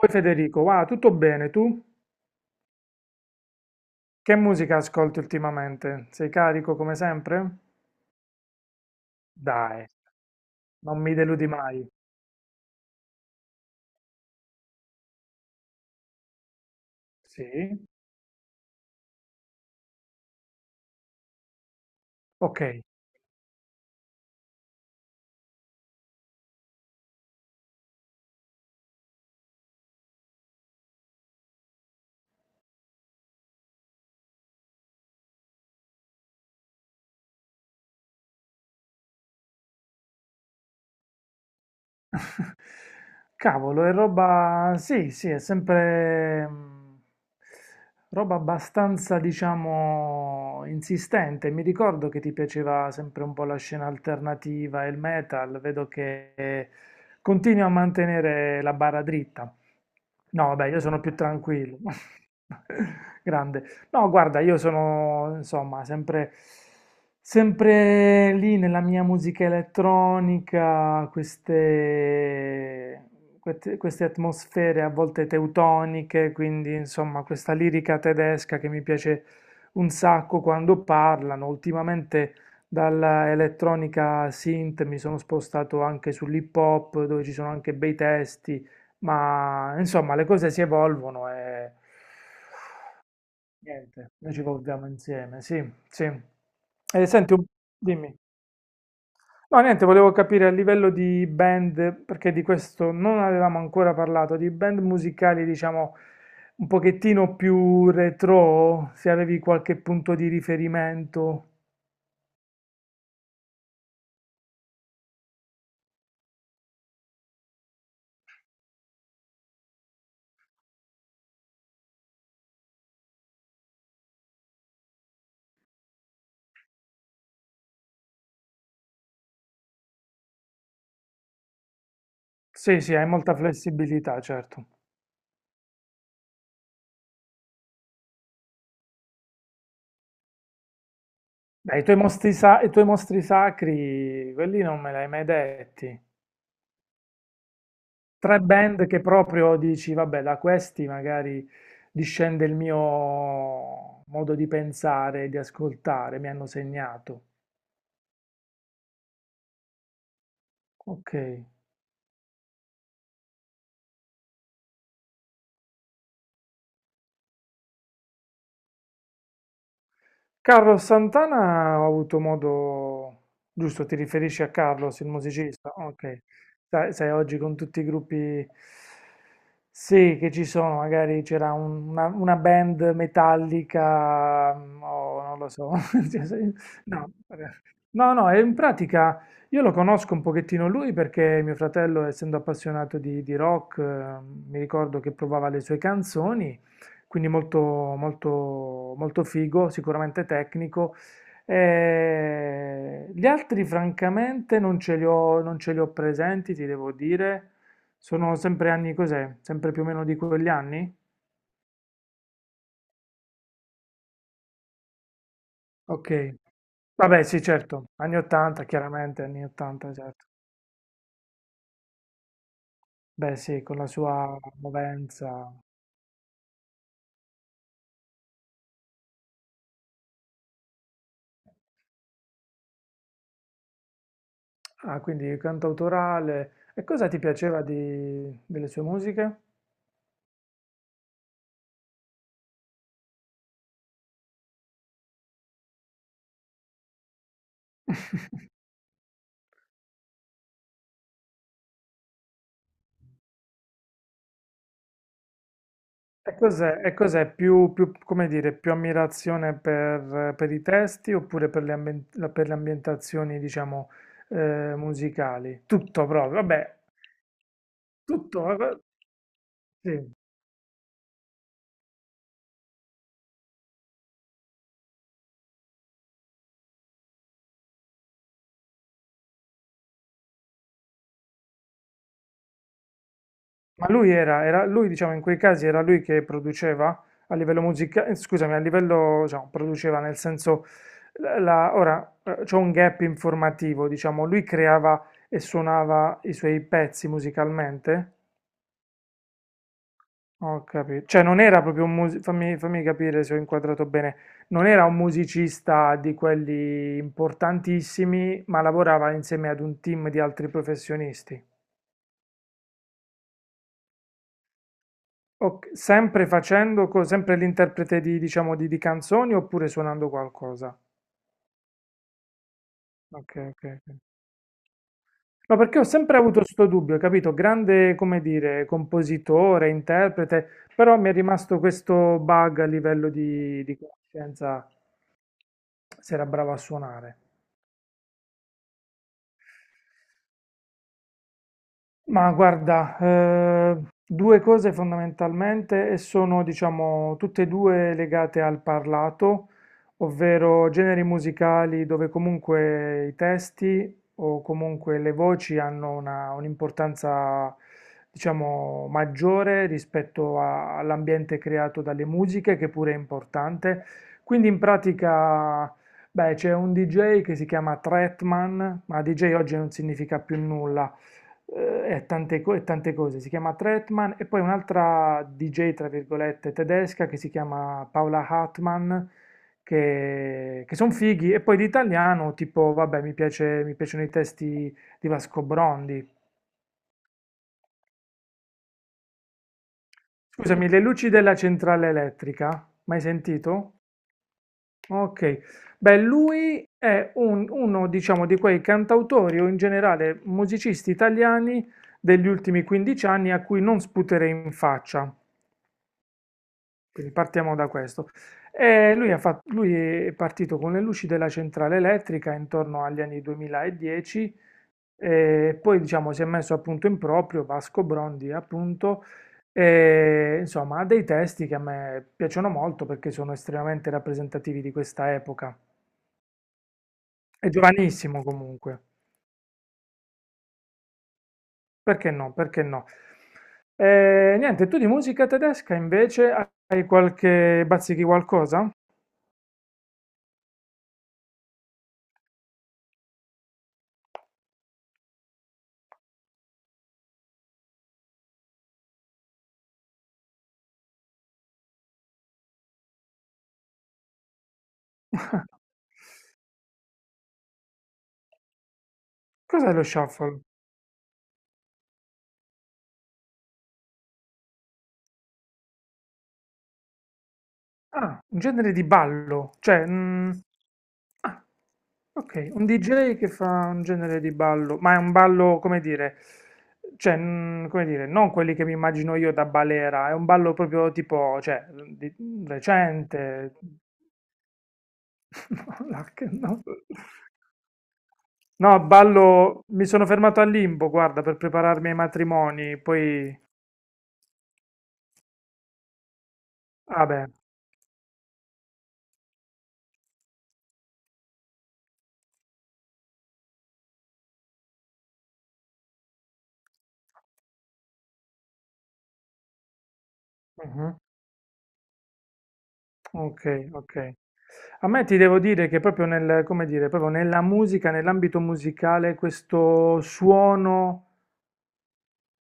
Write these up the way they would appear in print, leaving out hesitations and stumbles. Oi Federico, va tutto bene tu? Che musica ascolti ultimamente? Sei carico come sempre? Dai, non mi deludi mai. Sì? Ok. Cavolo, è roba... sì, è sempre roba abbastanza, diciamo, insistente. Mi ricordo che ti piaceva sempre un po' la scena alternativa e il metal. Vedo che continui a mantenere la barra dritta. No, vabbè, io sono più tranquillo. Grande. No, guarda, io sono insomma sempre lì nella mia musica elettronica, queste atmosfere a volte teutoniche, quindi insomma questa lirica tedesca che mi piace un sacco quando parlano. Ultimamente dalla elettronica synth mi sono spostato anche sull'hip hop, dove ci sono anche bei testi, ma insomma le cose si evolvono e... Niente, noi ci volviamo insieme, sì, sì. E senti, dimmi. No, niente, volevo capire a livello di band, perché di questo non avevamo ancora parlato, di band musicali, diciamo, un pochettino più retro, se avevi qualche punto di riferimento. Sì, sì, hai molta flessibilità, certo. Dai, i tuoi mostri, i tuoi mostri sacri, quelli non me li hai mai detti. Tre band che proprio dici, vabbè, da questi magari discende il mio modo di pensare, di ascoltare, mi hanno segnato. Ok. Carlos Santana ho avuto modo... Giusto, ti riferisci a Carlos, il musicista? Ok. Sai, sai, oggi con tutti i gruppi... Sì, che ci sono, magari c'era una band metallica, o non lo so. Cioè, no, no, no, e in pratica io lo conosco un pochettino lui perché mio fratello, essendo appassionato di rock, mi ricordo che provava le sue canzoni quindi molto figo, sicuramente tecnico. Gli altri, francamente, non ce li ho presenti, ti devo dire. Sono sempre anni cos'è? Sempre più o meno di quegli anni? Ok. Vabbè, sì, certo, anni 80, chiaramente, anni 80, certo. Beh, sì, con la sua movenza. Ah, quindi cantautorale. E cosa ti piaceva delle sue musiche? E cos'è? E cos'è? Come dire, più ammirazione per i testi oppure per le, per le ambientazioni, diciamo, musicali? Tutto proprio, vabbè, tutto. Sì. Ma lui lui, diciamo, in quei casi era lui che produceva a livello musicale, scusami, a livello, diciamo, produceva nel senso, ora, c'è un gap informativo, diciamo, lui creava e suonava i suoi pezzi musicalmente? Ho capito. Cioè, non era proprio un musicista, fammi capire se ho inquadrato bene, non era un musicista di quelli importantissimi, ma lavorava insieme ad un team di altri professionisti. Ok, sempre facendo, sempre l'interprete di, diciamo, di canzoni oppure suonando qualcosa? Ok, ok, ok. No, perché ho sempre avuto questo dubbio, capito? Grande, come dire, compositore, interprete, però mi è rimasto questo bug a livello di conoscenza, se era bravo a suonare. Ma guarda, due cose fondamentalmente e sono, diciamo, tutte e due legate al parlato, ovvero generi musicali dove comunque i testi o comunque le voci hanno un'importanza, diciamo, maggiore rispetto all'ambiente creato dalle musiche, che pure è importante. Quindi in pratica... Beh, c'è un DJ che si chiama Tretman, ma DJ oggi non significa più nulla, e e tante cose. Si chiama Tretman e poi un'altra DJ, tra virgolette, tedesca che si chiama Paola Hartmann, che sono fighi. E poi di italiano, tipo, vabbè, mi piacciono i testi di Vasco Brondi. Scusami, le luci della centrale elettrica, mai sentito? Ok. Beh, lui è uno, diciamo, di quei cantautori o in generale musicisti italiani degli ultimi 15 anni a cui non sputerei in faccia. Quindi partiamo da questo. Lui è partito con le luci della centrale elettrica intorno agli anni 2010 e poi diciamo, si è messo appunto in proprio Vasco Brondi, appunto, e, insomma, ha dei testi che a me piacciono molto perché sono estremamente rappresentativi di questa epoca. È giovanissimo comunque, perché no? Perché no? Niente, tu di musica tedesca invece hai qualche bazzichi qualcosa? Cos'è lo shuffle? Ah, un genere di ballo, cioè... ah, ok, un DJ che fa un genere di ballo, ma è un ballo, come dire, cioè, come dire, non quelli che mi immagino io da balera, è un ballo proprio tipo, cioè, recente. No, no. No, ballo, mi sono fermato al limbo, guarda, per prepararmi ai matrimoni, poi... Vabbè. Ok, ok. A me ti devo dire che proprio nel, come dire, proprio nella musica, nell'ambito musicale, questo suono.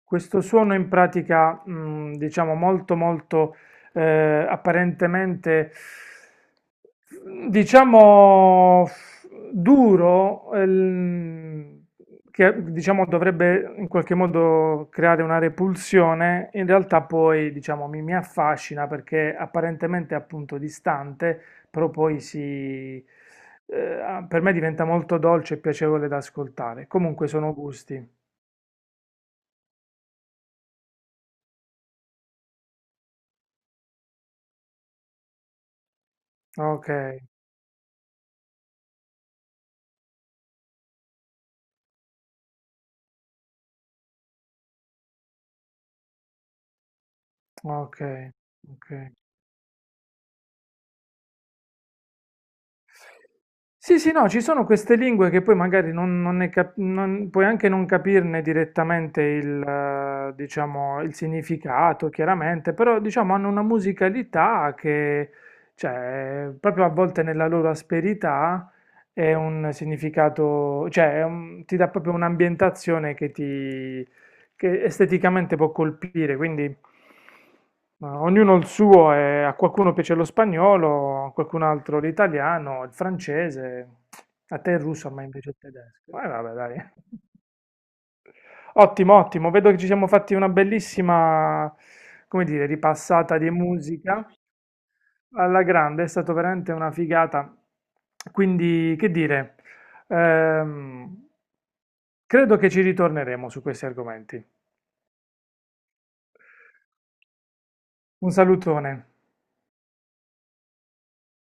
Questo suono in pratica, diciamo molto apparentemente, diciamo duro, che diciamo dovrebbe in qualche modo creare una repulsione, in realtà poi diciamo mi affascina perché apparentemente appunto distante, però poi si, per me diventa molto dolce e piacevole da ascoltare. Comunque sono gusti. Ok. Okay, okay. Sì, sì, no, ci sono queste lingue che poi magari non ne puoi anche non capirne direttamente il, diciamo, il significato, chiaramente, però diciamo hanno una musicalità che, cioè, proprio a volte nella loro asperità è un significato, cioè è ti dà proprio un'ambientazione che ti che esteticamente può colpire, quindi ma ognuno il suo, e a qualcuno piace lo spagnolo, a qualcun altro l'italiano, il francese, a te il russo, a me invece il tedesco. Vabbè, dai. Ottimo, ottimo, vedo che ci siamo fatti una bellissima, come dire, ripassata di musica alla grande, è stata veramente una figata. Quindi, che dire, ehm, credo che ci ritorneremo su questi argomenti. Un salutone.